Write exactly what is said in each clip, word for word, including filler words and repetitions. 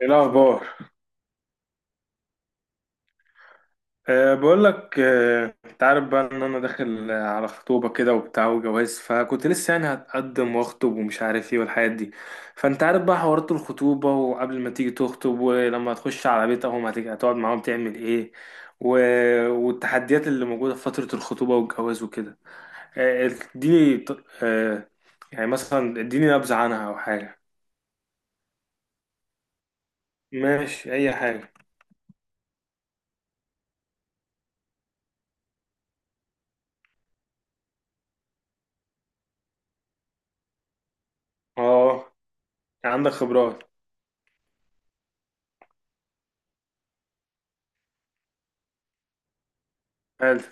ايه الاخبار؟ أه بقول لك، أه انت عارف بقى ان انا داخل، آه، على خطوبه كده وبتاع وجواز، فكنت لسه يعني هتقدم واخطب ومش عارف ايه والحاجات دي. فانت عارف بقى حوارات الخطوبه، وقبل ما تيجي تخطب ولما تخش على بيت اهو هتيجي هتقعد معاهم تعمل ايه و... والتحديات اللي موجوده في فتره الخطوبه والجواز وكده. آه، اديني ط- أه يعني مثلا اديني نبذه عنها او حاجه. ماشي اي حاجه. اه، عندك خبرات. حلو.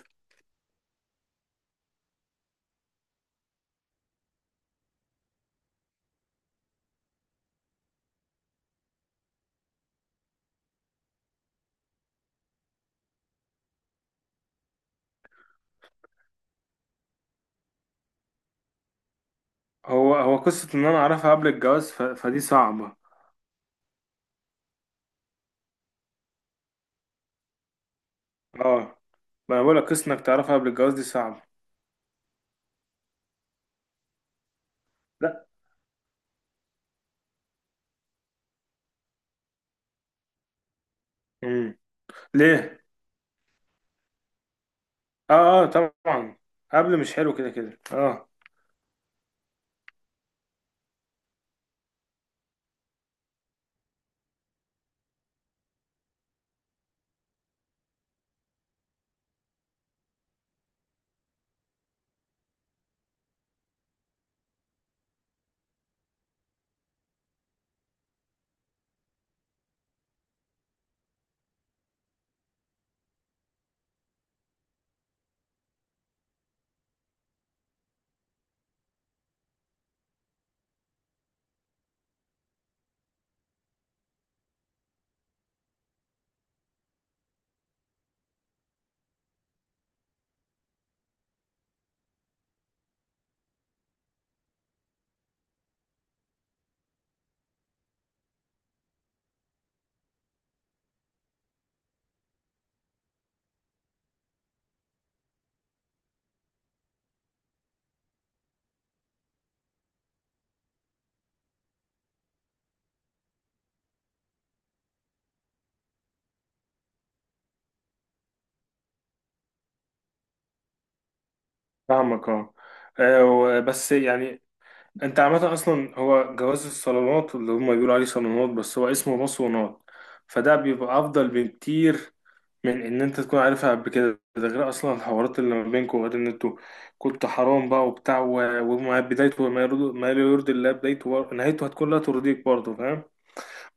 هو هو قصة إن أنا أعرفها قبل الجواز ف... فدي صعبة. اه، ما أنا بقولك قصة إنك تعرفها قبل الجواز دي صعبة. لا. امم، ليه؟ اه اه طبعا، قبل مش حلو كده كده اه. فاهمك اه. آه، و- بس يعني أنت عامة أصلا هو جواز الصالونات اللي هما بيقولوا عليه صالونات بس هو اسمه مصونات، فده بيبقى أفضل بكتير من ان انت تكون عارفها قبل كده، ده غير اصلا الحوارات اللي ما بينكم وغير ان انتوا كنت حرام بقى وبتاع و- وما بدايته ما يرضي، ما لا يرضي الله بدايته و- نهايته هتكون لا ترضيك برضه، فاهم؟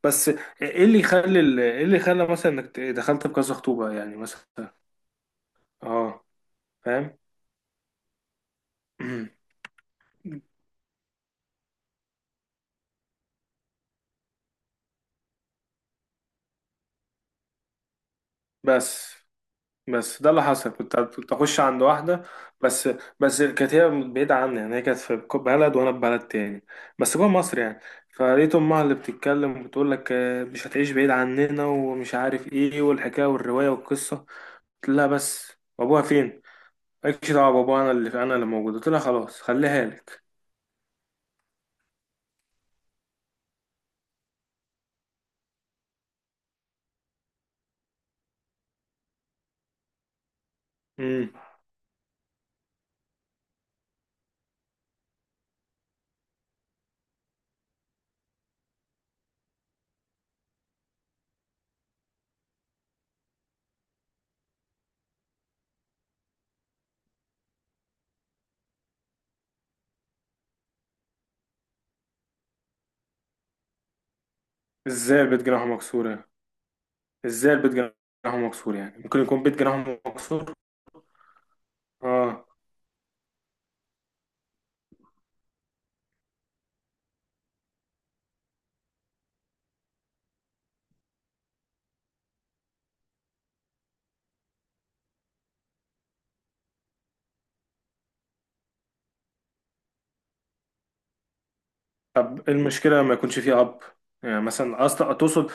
بس ايه اللي يخلي ال- ايه اللي خلى مثلا انك ت- دخلت بكذا خطوبة يعني مثلا؟ اه، فاهم. بس بس ده اللي حصل، كنت كنت اخش عند واحده. بس بس كانت هي بعيده عني، يعني هي كانت في بلد وانا في بلد تاني، بس جوه مصر يعني. فلقيت امها اللي بتتكلم وبتقول لك آه، مش هتعيش بعيد عننا ومش عارف ايه والحكايه والروايه والقصه. قلت لها بس، وابوها فين؟ مالكش دعوه بابوها، انا اللي انا اللي موجود. قلت لها خلاص خليها لك. امم، ازاي البيت جناحه مكسور يعني؟ ازاي البيت جناحه مكسور يعني؟ ممكن يكون بيت جناحه مكسور؟ اه، طب إيه المشكلة ما يكونش فيه أب؟ يعني مثلا أصلا تقصد،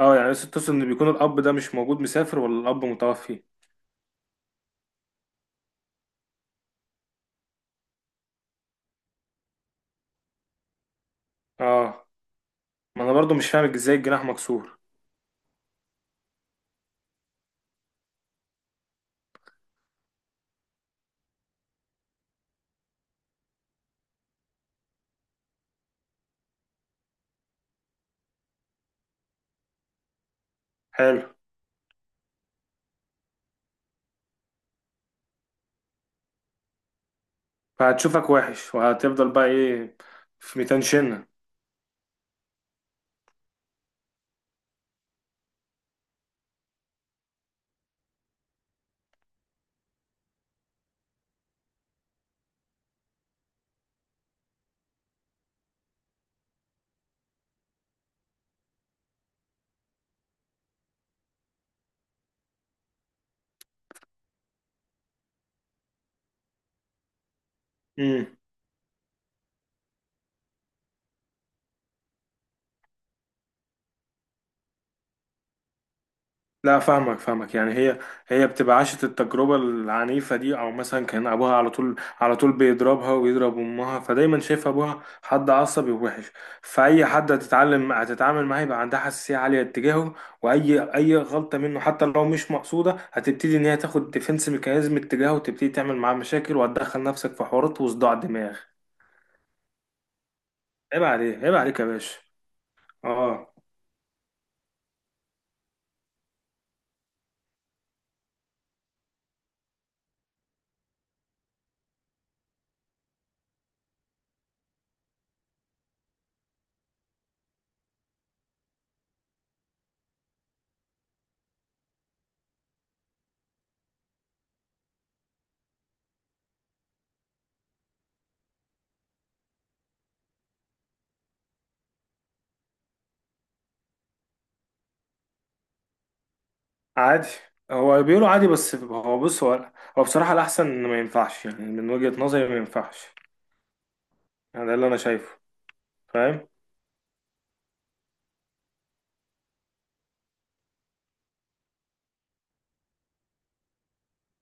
اه يعني أصل تقصد إن بيكون الأب ده مش موجود مسافر، ولا الأب متوفي؟ اه، ما أنا برضو مش فاهم ازاي الجناح مكسور. حلو، فهتشوفك وحش وهتفضل بقى ايه؟ في ميتان شنة. لا فاهمك فاهمك، يعني هي هي بتبقى عاشت التجربة العنيفة دي، او مثلا كان ابوها على طول على طول بيضربها ويضرب امها، فدايما شايف ابوها حد عصبي ووحش. فاي حد هتتعلم هتتعامل معاه يبقى عندها حساسية عالية اتجاهه. واي اي غلطة منه حتى لو مش مقصودة هتبتدي ان هي تاخد ديفنس ميكانيزم اتجاهه، وتبتدي تعمل معاه مشاكل وتدخل نفسك في حوارات وصداع دماغ. عيب عليك عيب عليك يا باشا. اه عادي. هو بيقولوا عادي، بس هو بص، هو هو بصراحة الأحسن إن ما ينفعش، يعني من وجهة نظري ما ينفعش. يعني ده اللي أنا شايفه، فاهم؟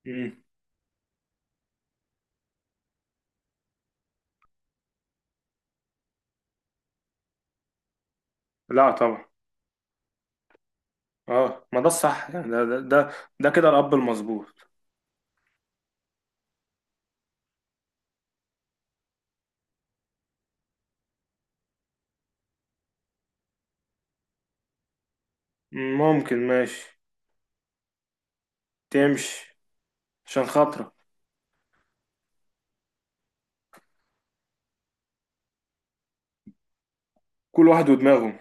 مم. لا طبعا. اه ما ده الصح، يعني ده ده ده, ده كده الأب المظبوط. ممكن ماشي. تمشي عشان خاطرك. كل واحد ودماغه.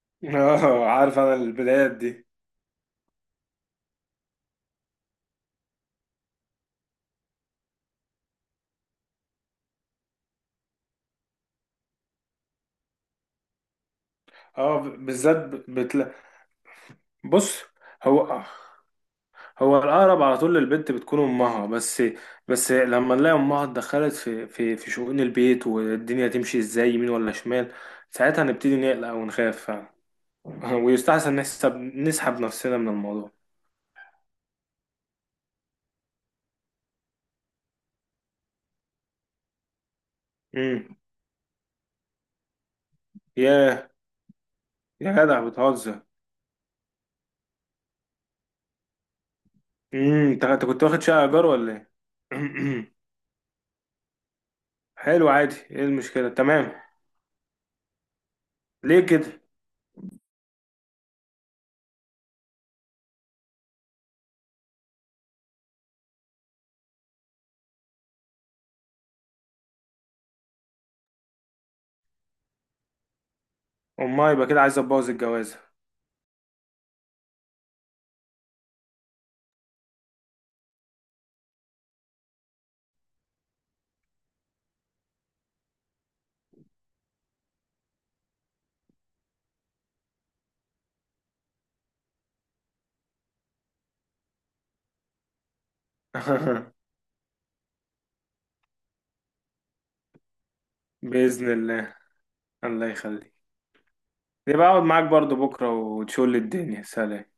اه، عارف أنا البدايات دي. اه، ب- بالذات ب- بتلا، بص، هو هو الأقرب على طول للبنت بتكون أمها. بس، بس لما نلاقي أمها اتدخلت في في في شؤون البيت والدنيا تمشي إزاي يمين ولا شمال، ساعتها نبتدي نقلق ونخاف فعلا. ويستحسن نحسب نسحب نفسنا من الموضوع. امم. ياه، يا جدع بتهزر! امم، انت أنت كنت واخد شقة إيجار ولا إيه؟ حلو عادي، إيه المشكلة، تمام. ليه كده؟ أمها يبقى كده عايزة تبوظ الجوازة. بإذن الله. الله يخليك. يبقى أقعد معاك برضو بكرة وتشول الدنيا. سلام.